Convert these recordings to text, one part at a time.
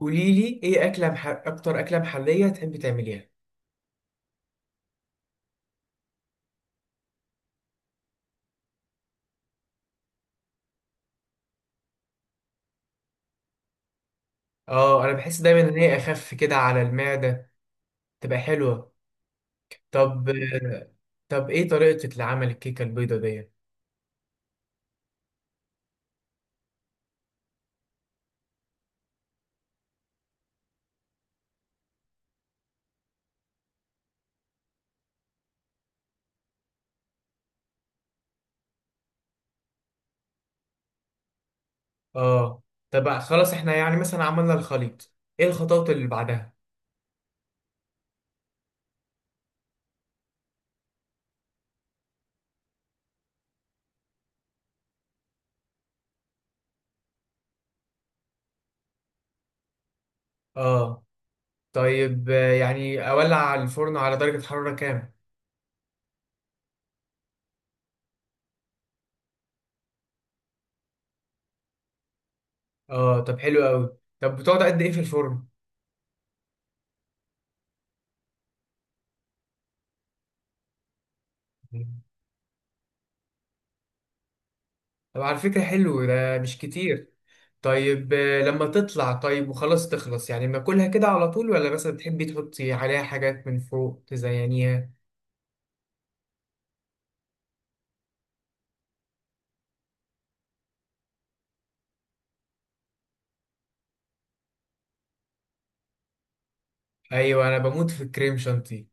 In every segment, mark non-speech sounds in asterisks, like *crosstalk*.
قولي لي ايه اكتر اكله محليه تحبي تعمليها؟ اه، انا بحس دايما ان هي اخف كده على المعده. تبقى حلوه. طب. طب، ايه طريقتك لعمل الكيكه البيضه دي؟ اه، طب خلاص، احنا يعني مثلا عملنا الخليط. ايه الخطوات اللي بعدها؟ اه طيب، يعني اولع الفرن على درجه حراره كام؟ اه، طب حلو قوي. طب بتقعد قد ايه في الفرن؟ طب على فكره، حلو ده مش كتير. طيب، لما تطلع طيب وخلاص تخلص، يعني باكلها كده على طول، ولا مثلا بتحبي تحطي عليها حاجات من فوق تزينيها؟ ايوه، انا بموت في الكريم شانتي.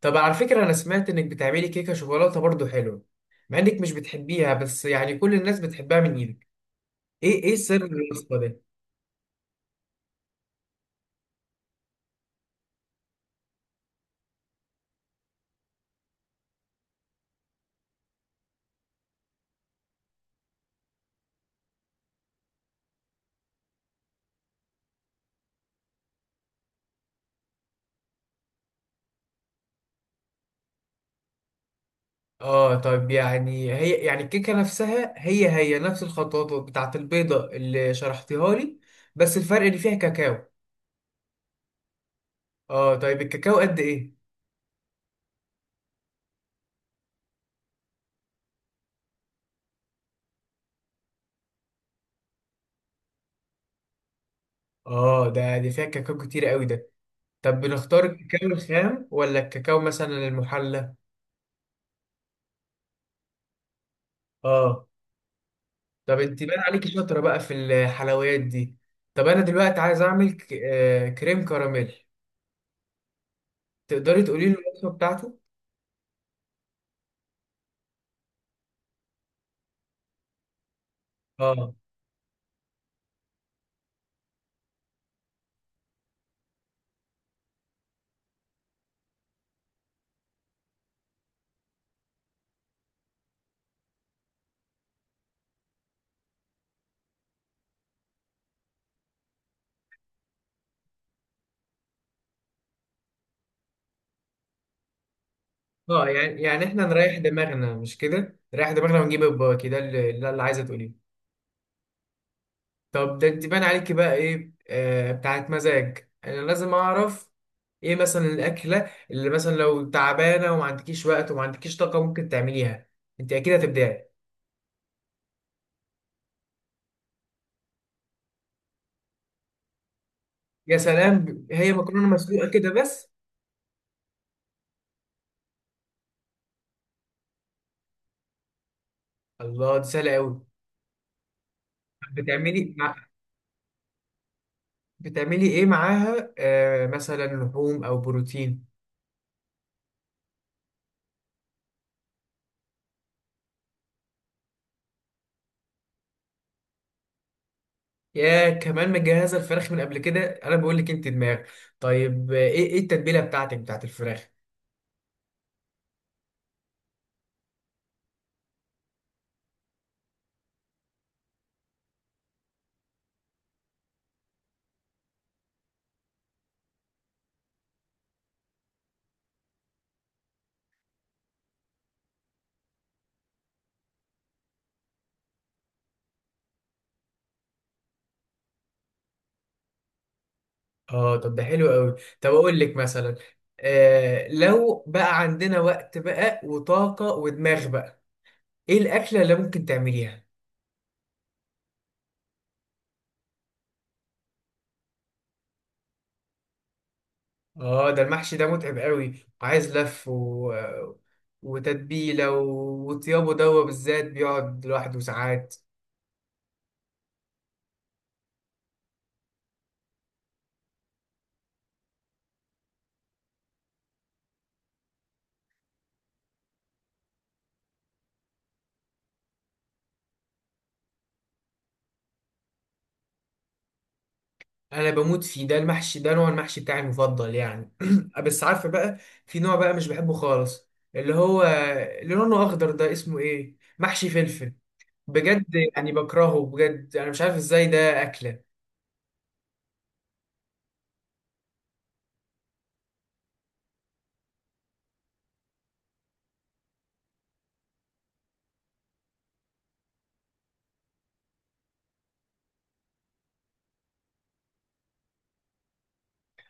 طب على فكرة، انا سمعت انك بتعملي كيكة شوكولاتة برضو حلوة، مع انك مش بتحبيها، بس يعني كل الناس بتحبها من ايدك. ايه ايه سر الوصفة ده؟ اه طيب، يعني هي يعني الكيكة نفسها، هي نفس الخطوات بتاعت البيضة اللي شرحتيها لي، بس الفرق اللي فيها كاكاو. اه طيب، الكاكاو قد ايه؟ اه، ده دي فيها كاكاو كتير قوي ده. طب بنختار الكاكاو الخام ولا الكاكاو مثلا المحلى؟ اه، طب انت بان عليكي شاطره بقى في الحلويات دي. طب انا دلوقتي عايز اعمل كريم كراميل. تقدري تقولي لي الوصفه بتاعته؟ اه. اه، يعني احنا نريح دماغنا، مش كده؟ نريح دماغنا ونجيب البواكي، ده اللي عايزه تقوليه. طب ده انت بان عليكي بقى ايه بتاعت مزاج، انا لازم اعرف. ايه مثلا الاكله اللي مثلا لو تعبانه وما عندكيش وقت وما عندكيش طاقه ممكن تعمليها؟ انت اكيد هتبدعي. يا سلام، هي مكرونه مسلوقه كده بس؟ الله، دي سهله قوي. بتعملي مع... بتعملي ايه معاها، مثلا لحوم او بروتين؟ يا، كمان مجهزه الفراخ من قبل كده، انا بقول لك انت دماغ. طيب، ايه ايه التتبيله بتاعتك بتاعت الفراخ؟ اه، طب ده حلو قوي. طب اقول لك مثلا، لو بقى عندنا وقت بقى وطاقه ودماغ بقى، ايه الاكله اللي ممكن تعمليها؟ اه، ده المحشي ده متعب قوي، وعايز لف وتتبيله وطيابه، دوا بالذات بيقعد لوحده ساعات. انا بموت فيه، ده المحشي ده نوع المحشي بتاعي المفضل يعني. *clears throat* بس عارفه بقى، في نوع بقى مش بحبه خالص، اللي هو اللي لونه اخضر ده، اسمه ايه؟ محشي فلفل؟ بجد؟ يعني بكرهه بجد، انا مش عارف ازاي ده اكله.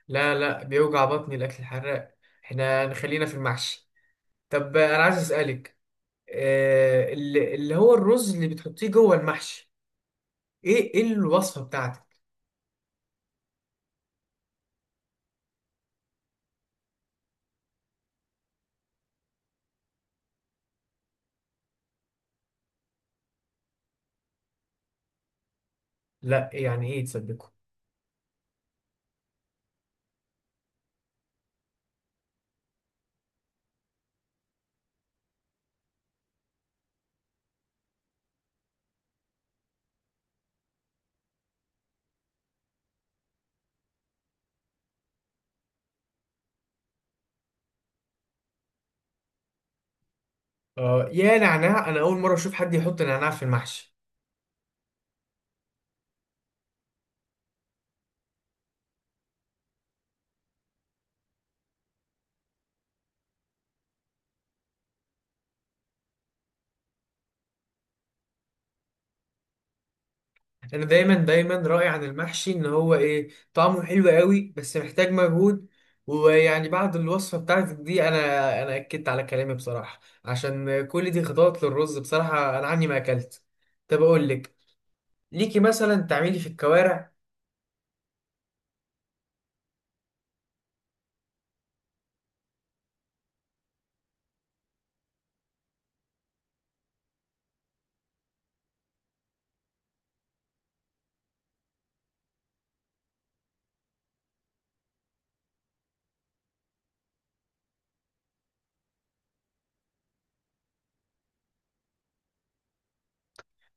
لا، لا، بيوجع بطني الاكل الحراق. احنا نخلينا في المحشي. طب انا عايز اسالك، اللي هو الرز اللي بتحطيه جوه المحشي، ايه ايه الوصفه بتاعتك؟ لا، يعني ايه تصدقوا؟ يا نعناع، انا اول مره اشوف حد يحط نعناع في المحشي. انا دايما دايما راي عن المحشي ان هو ايه؟ طعمه حلو قوي بس محتاج مجهود. ويعني بعد الوصفه بتاعتك دي انا اكدت على كلامي بصراحه، عشان كل دي خطوات للرز. بصراحه انا عني ما اكلت. طب اقول لك، ليكي مثلا تعملي في الكوارع؟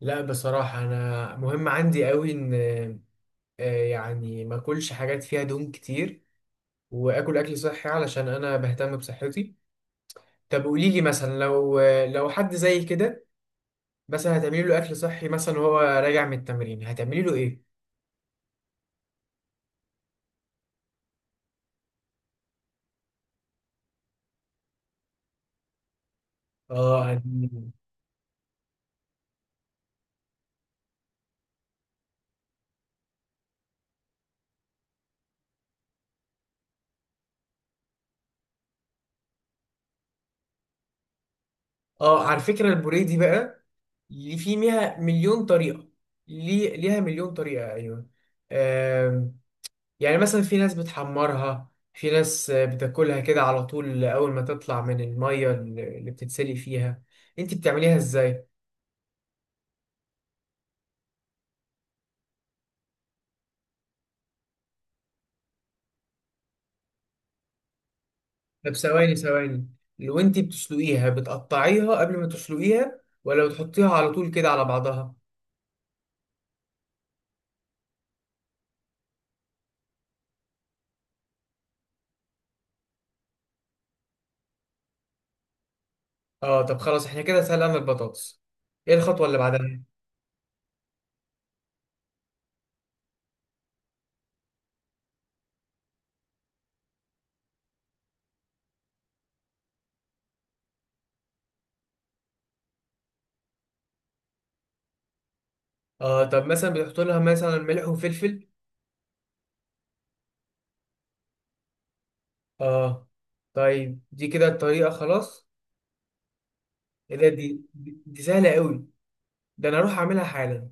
لا بصراحه، انا مهم عندي قوي ان يعني ما اكلش حاجات فيها دهون كتير، واكل اكل صحي علشان انا بهتم بصحتي. طب قولي لي، مثلا لو حد زي كده، مثلا هتعملي له اكل صحي، مثلا وهو راجع من التمرين، هتعملي له ايه؟ اه. اه، على فكرة البوريه دي بقى، اللي في ميها مليون طريقة. ليه ليها مليون طريقة؟ ايوه. آم، يعني مثلا في ناس بتحمرها، في ناس بتاكلها كده على طول اول ما تطلع من المية اللي بتتسلق فيها. انت بتعمليها ازاي؟ طب، ثواني ثواني. لو انت بتسلقيها، بتقطعيها قبل ما تسلقيها، ولا بتحطيها على طول كده على بعضها؟ اه، طب خلاص احنا كده سلقنا البطاطس. ايه الخطوة اللي بعدها؟ اه، طب مثلا بتحط لها مثلا ملح وفلفل. اه طيب، دي كده الطريقة خلاص؟ ايه ده، دي سهلة قوي. ده انا اروح اعملها حالا.